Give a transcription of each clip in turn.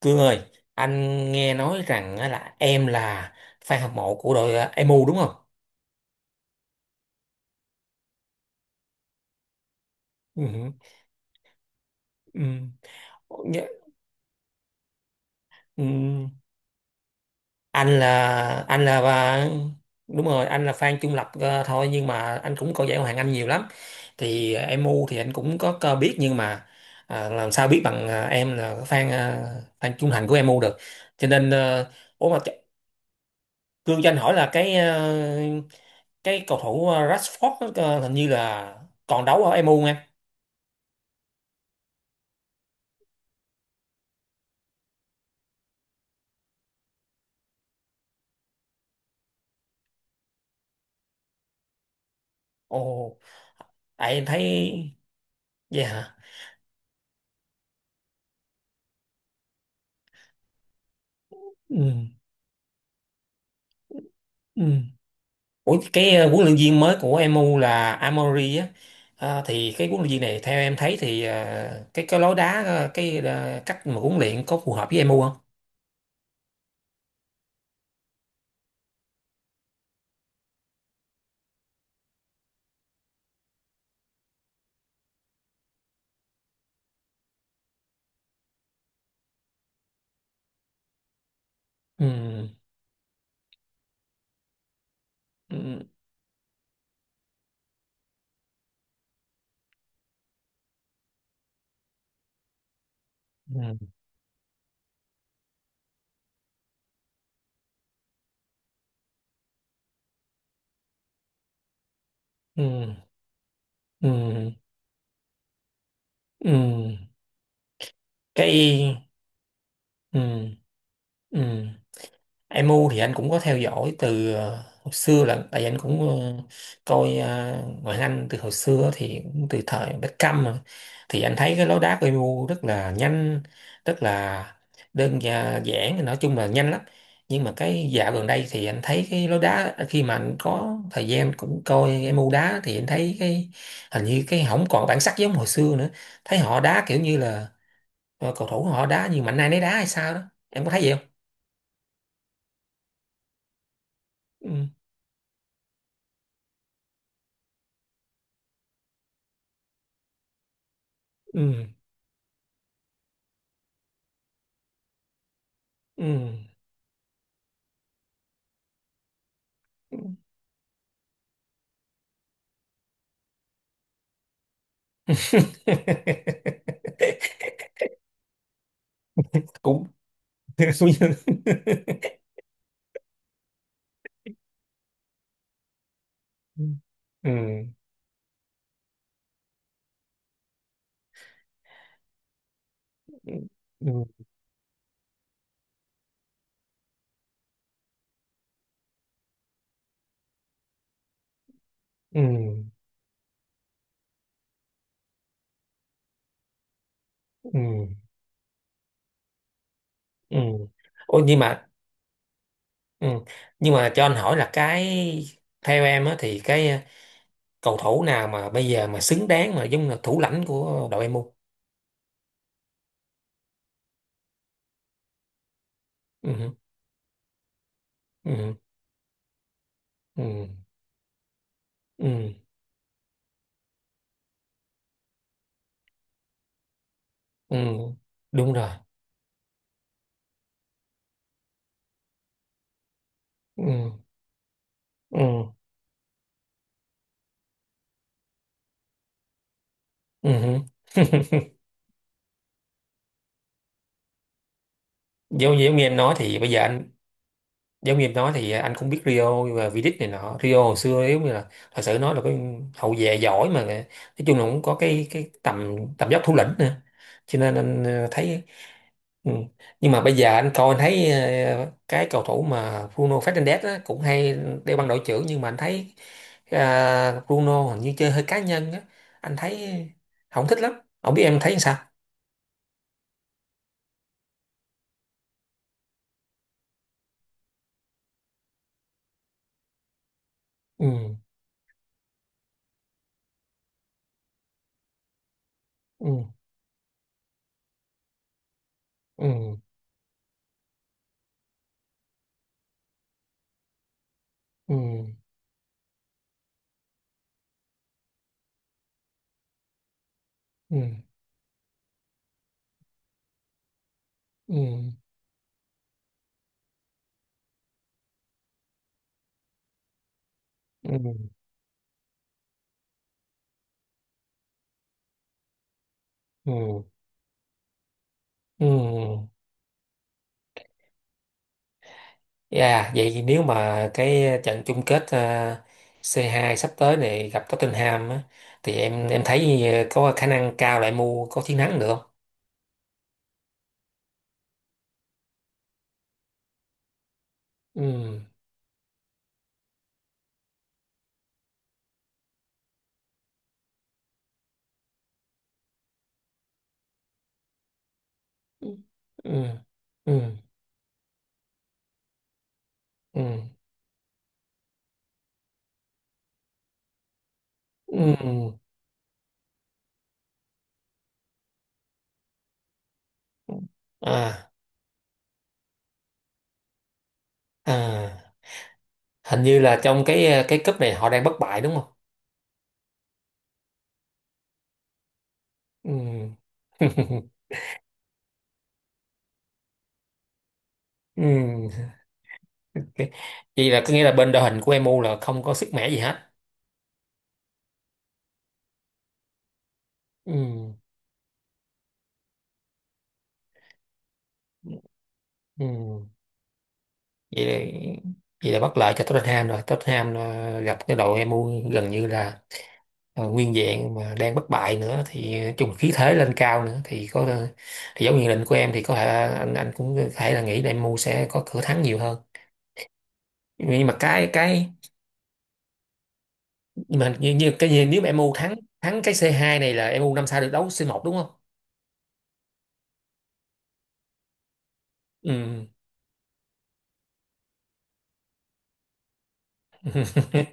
Cương ơi, anh nghe nói rằng là em là fan hâm mộ của đội MU đúng không? Ừ. Ừ. Nhớ- ừ. Anh là anh là và- Đúng rồi, anh là fan trung lập, thôi nhưng mà anh cũng coi giải Ngoại hạng Anh nhiều lắm. MU thì anh cũng có biết nhưng mà làm sao biết bằng em là fan, fan trung thành của emu được. Cho nên à, ủa mà ch- Cương cho anh hỏi là cái cầu thủ Rashford hình như là còn đấu ở MU. Ồ, tại em thấy vậy hả? Ừ. Ừ. Ủa cái huấn luyện viên mới của em MU là Amory á. Thì cái huấn luyện viên này theo em thấy thì, cái lối đá, cách mà huấn luyện có phù hợp với em MU không? Ừ. Ừ. Ừ. Ừ. Ừ. Ừ. Cái ừ. Ừ. Em MU thì anh cũng có theo dõi từ hồi xưa, là tại vì anh cũng coi ngoại hạng Anh từ hồi xưa, thì cũng từ thời Beckham mà. Thì anh thấy cái lối đá của MU rất là nhanh, rất là giản, nói chung là nhanh lắm. Nhưng mà cái dạo gần đây thì anh thấy cái lối đá, khi mà anh có thời gian cũng coi MU đá, thì anh thấy cái hình như cái không còn bản sắc giống hồi xưa nữa. Thấy họ đá kiểu như là cầu thủ họ đá như mạnh ai nấy đá hay sao đó. Em có thấy vậy không? Ừ. Ừ. Ừ. cũng suy nghĩ. Ừ. Ừ. Ừ. Ừ. Ừ. Ừ. Ôi, nhưng mà ừ, nhưng mà cho anh hỏi là cái, theo em á thì cầu thủ nào mà bây giờ mà xứng đáng mà giống là thủ lãnh của đội em không? Ừ. Ừ. Ừ. Ừ. Ừ. Đúng rồi. Ừ. Ừ. Ừ. Giống giống như em nói thì bây giờ anh giống như em nói thì, anh cũng biết Rio và V-League này nọ, Rio hồi xưa nếu như là thật sự nói là cái hậu vệ giỏi mà, nói chung là cũng có cái tầm tầm dốc thủ lĩnh nữa, cho nên anh thấy ừ, nhưng mà bây giờ anh coi anh thấy cái cầu thủ mà Bruno Fernandes á, cũng hay đeo băng đội trưởng, nhưng mà anh thấy Bruno hình như chơi hơi cá nhân á, anh thấy không thích lắm, không biết em thấy sao. Ừ. Ừ. Ừ. Ừ. Ừ. Ừ. Ừ. Ừ. Ừ. Ừ. Yeah, vậy thì nếu mà cái trận chung kết C2 sắp tới này gặp Tottenham á, thì em thấy có khả năng cao lại mua có chiến thắng được không? Ừ. Ừ. Ừ. Ừ. Ừ. Ừ. À, à, hình như là trong cái cúp này họ đang bất bại đúng không? Ừ. Ừ. Cái- vậy là có nghĩa là bên đội hình của em MU là không có sức mẻ gì hết. Ừ. Ừ. vậy là, vậy là bất lợi cho Tottenham rồi. Tottenham gặp cái đội em MU gần như là nguyên vẹn mà đang bất bại nữa, thì chung khí thế lên cao nữa, thì có ờ, thì giống như định của em thì có thể anh cũng có thể là nghĩ là MU sẽ có cửa thắng nhiều hơn. nhưng mà cái cái nhưng mà như cái gì nếu mà MU thắng, thắng cái c hai này là em MU năm sau được đấu c một đúng không. Ừ.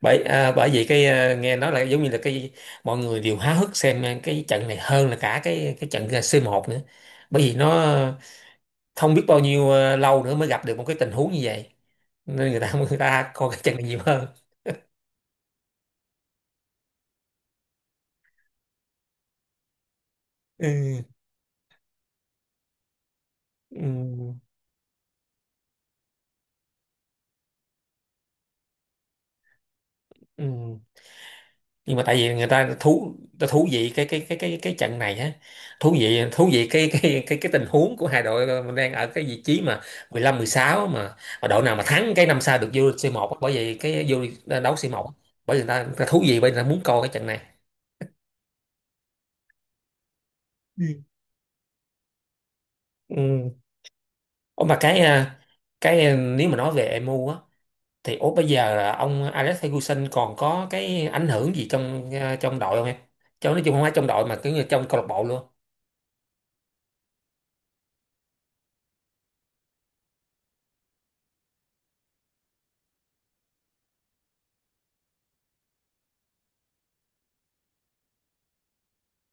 Bởi bởi vì nghe nói là giống như là cái mọi người đều háo hức xem cái trận này hơn là cả cái trận C1 nữa, bởi vì nó không biết bao nhiêu lâu nữa mới gặp được một cái tình huống như vậy, nên người ta người ta coi cái trận này nhiều hơn. Ừ. Ừ. Ừ. Nhưng mà tại vì người ta thú vị cái trận này á, thú vị cái tình huống của hai đội, mình đang ở cái vị trí mà mười lăm mười sáu, mà đội nào mà thắng cái năm sau được vô c một á, bởi vì cái vô đấu c một á, bởi vì người ta thú vị bởi vì người ta muốn coi cái trận này. Ừ. Ừ. Ủa mà cái à, Cái à, nếu mà nói về emu á thì ủa bây giờ là ông Alex Ferguson còn có cái ảnh hưởng gì trong à, trong đội không em? Cho nói chung không phải trong đội mà cứ như trong câu lạc bộ luôn.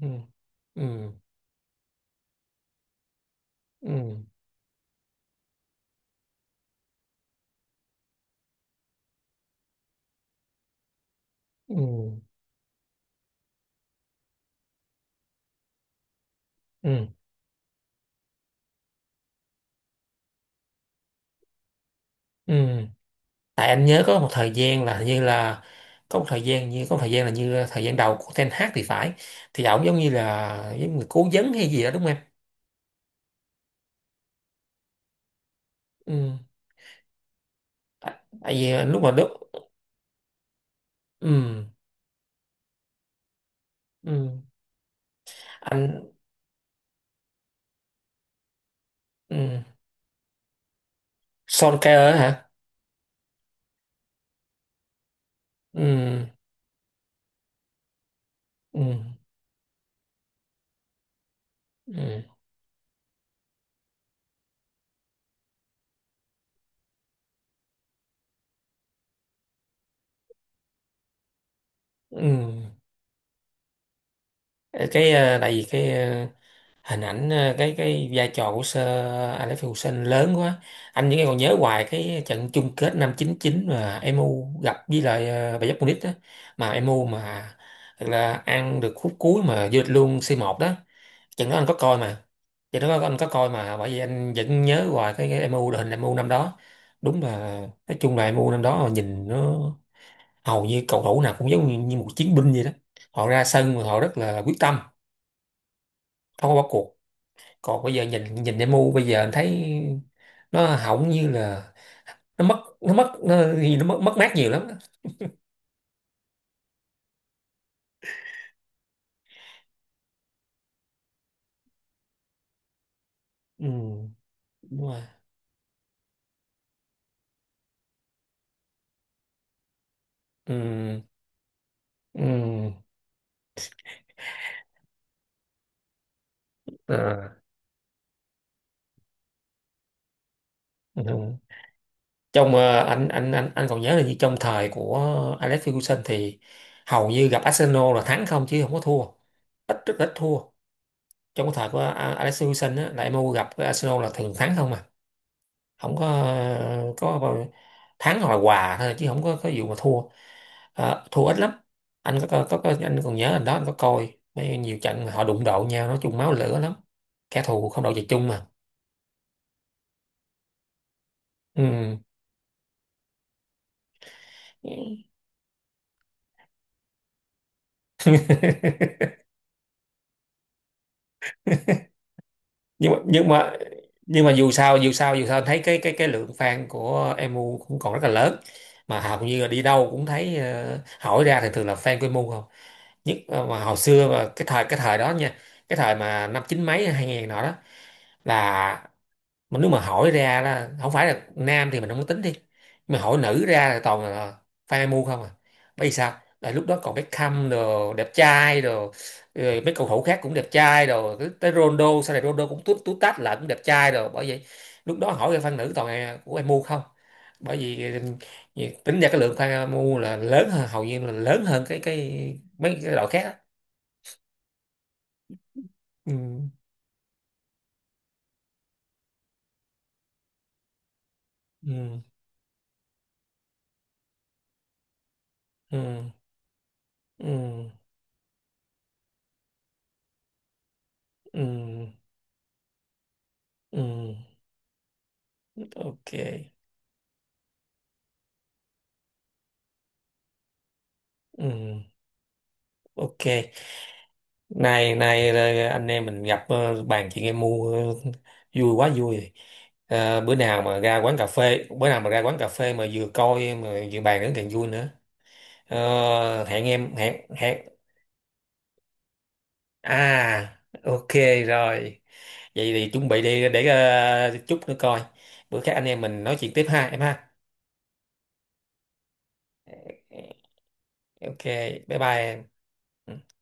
Ừ. Ừ. Ừ. Ừ. Ừ. Ừ. Tại anh nhớ có một thời gian là hình như là có một thời gian là như thời gian đầu của Ten Hag thì phải, thì ổng giống như là giống người cố vấn hay gì đó đúng không em? Ừ. Tại tại vì anh lúc mà lúc ừ, ừ, anh ừ. Solskjaer á hả? Ừ. Ừ. Ừ. Ừ. Tại vì hình ảnh, cái vai trò của Sir Alex Ferguson lớn quá, anh vẫn còn nhớ hoài cái trận chung kết năm 99 mà emu gặp với lại Bayern Munich đó, mà emu mà thật là ăn được khúc cuối mà vượt luôn C1 đó. Trận đó anh có coi mà, bởi vì anh vẫn nhớ hoài cái MU đội hình emu năm đó, đúng là nói chung là emu năm đó mà nhìn nó hầu như cầu thủ nào cũng giống như một chiến binh vậy đó. Họ ra sân mà họ rất là quyết tâm, không có bỏ cuộc. Còn bây giờ nhìn nhìn demo bây giờ anh thấy nó hỏng như là nó mất, mất mát nhiều lắm. Ừ, đúng rồi. Ừ. Ừ. Ờ. Ừ. Trong anh còn nhớ là gì trong thời của Alex Ferguson thì hầu như gặp Arsenal là thắng không, chứ không có thua, rất ít thua. Trong cái thời của Alex Ferguson á, là MU gặp cái Arsenal là thường thắng không à, không có có bao- thắng hoặc là hòa thôi chứ không có vụ mà thua. Ờ, thua ít lắm. Anh có- anh còn nhớ anh đó, anh có coi mấy nhiều trận mà họ đụng độ nhau, nói chung máu lửa lắm, kẻ thù không đội trời chung mà. Ừ. nhưng mà nhưng mà nhưng mà dù sao thấy cái cái lượng fan của MU cũng còn rất là lớn, mà hầu như là đi đâu cũng thấy hỏi ra thì thường là fan của MU không. Nhất mà hồi xưa mà cái thời đó nha, cái thời mà năm chín mấy hai ngàn nọ đó, là mà nếu mà hỏi ra là không phải là nam thì mình không có tính đi, mà hỏi nữ ra là toàn là fan MU không à, bởi vì sao, tại lúc đó còn Beckham đồ đẹp trai đồ, rồi mấy cầu thủ khác cũng đẹp trai, rồi tới tới Ronaldo sau này Ronaldo cũng tút tút tát lại cũng đẹp trai, rồi bởi vậy lúc đó hỏi fan nữ toàn là của em mua không, bởi vì ừ, tính ra cái lượng fan mua là lớn hơn, hầu như là lớn hơn cái mấy cái đội khác á. Ừ. Ừ. Ừ. Ừ. Ừ. Ừ. Ừ. Ok. Ừ. Ok. nay Nay anh em mình gặp bàn chuyện em mua, ờ, vui quá vui. Ờ, bữa nào mà ra quán cà phê, bữa nào mà ra quán cà phê mà vừa coi mà vừa bàn đến càng vui nữa. Ờ, hẹn em, hẹn hẹn. À ok, rồi vậy thì chuẩn bị đi để chút nữa coi, bữa khác anh em mình nói chuyện tiếp ha em ha. Ok, bye bye em.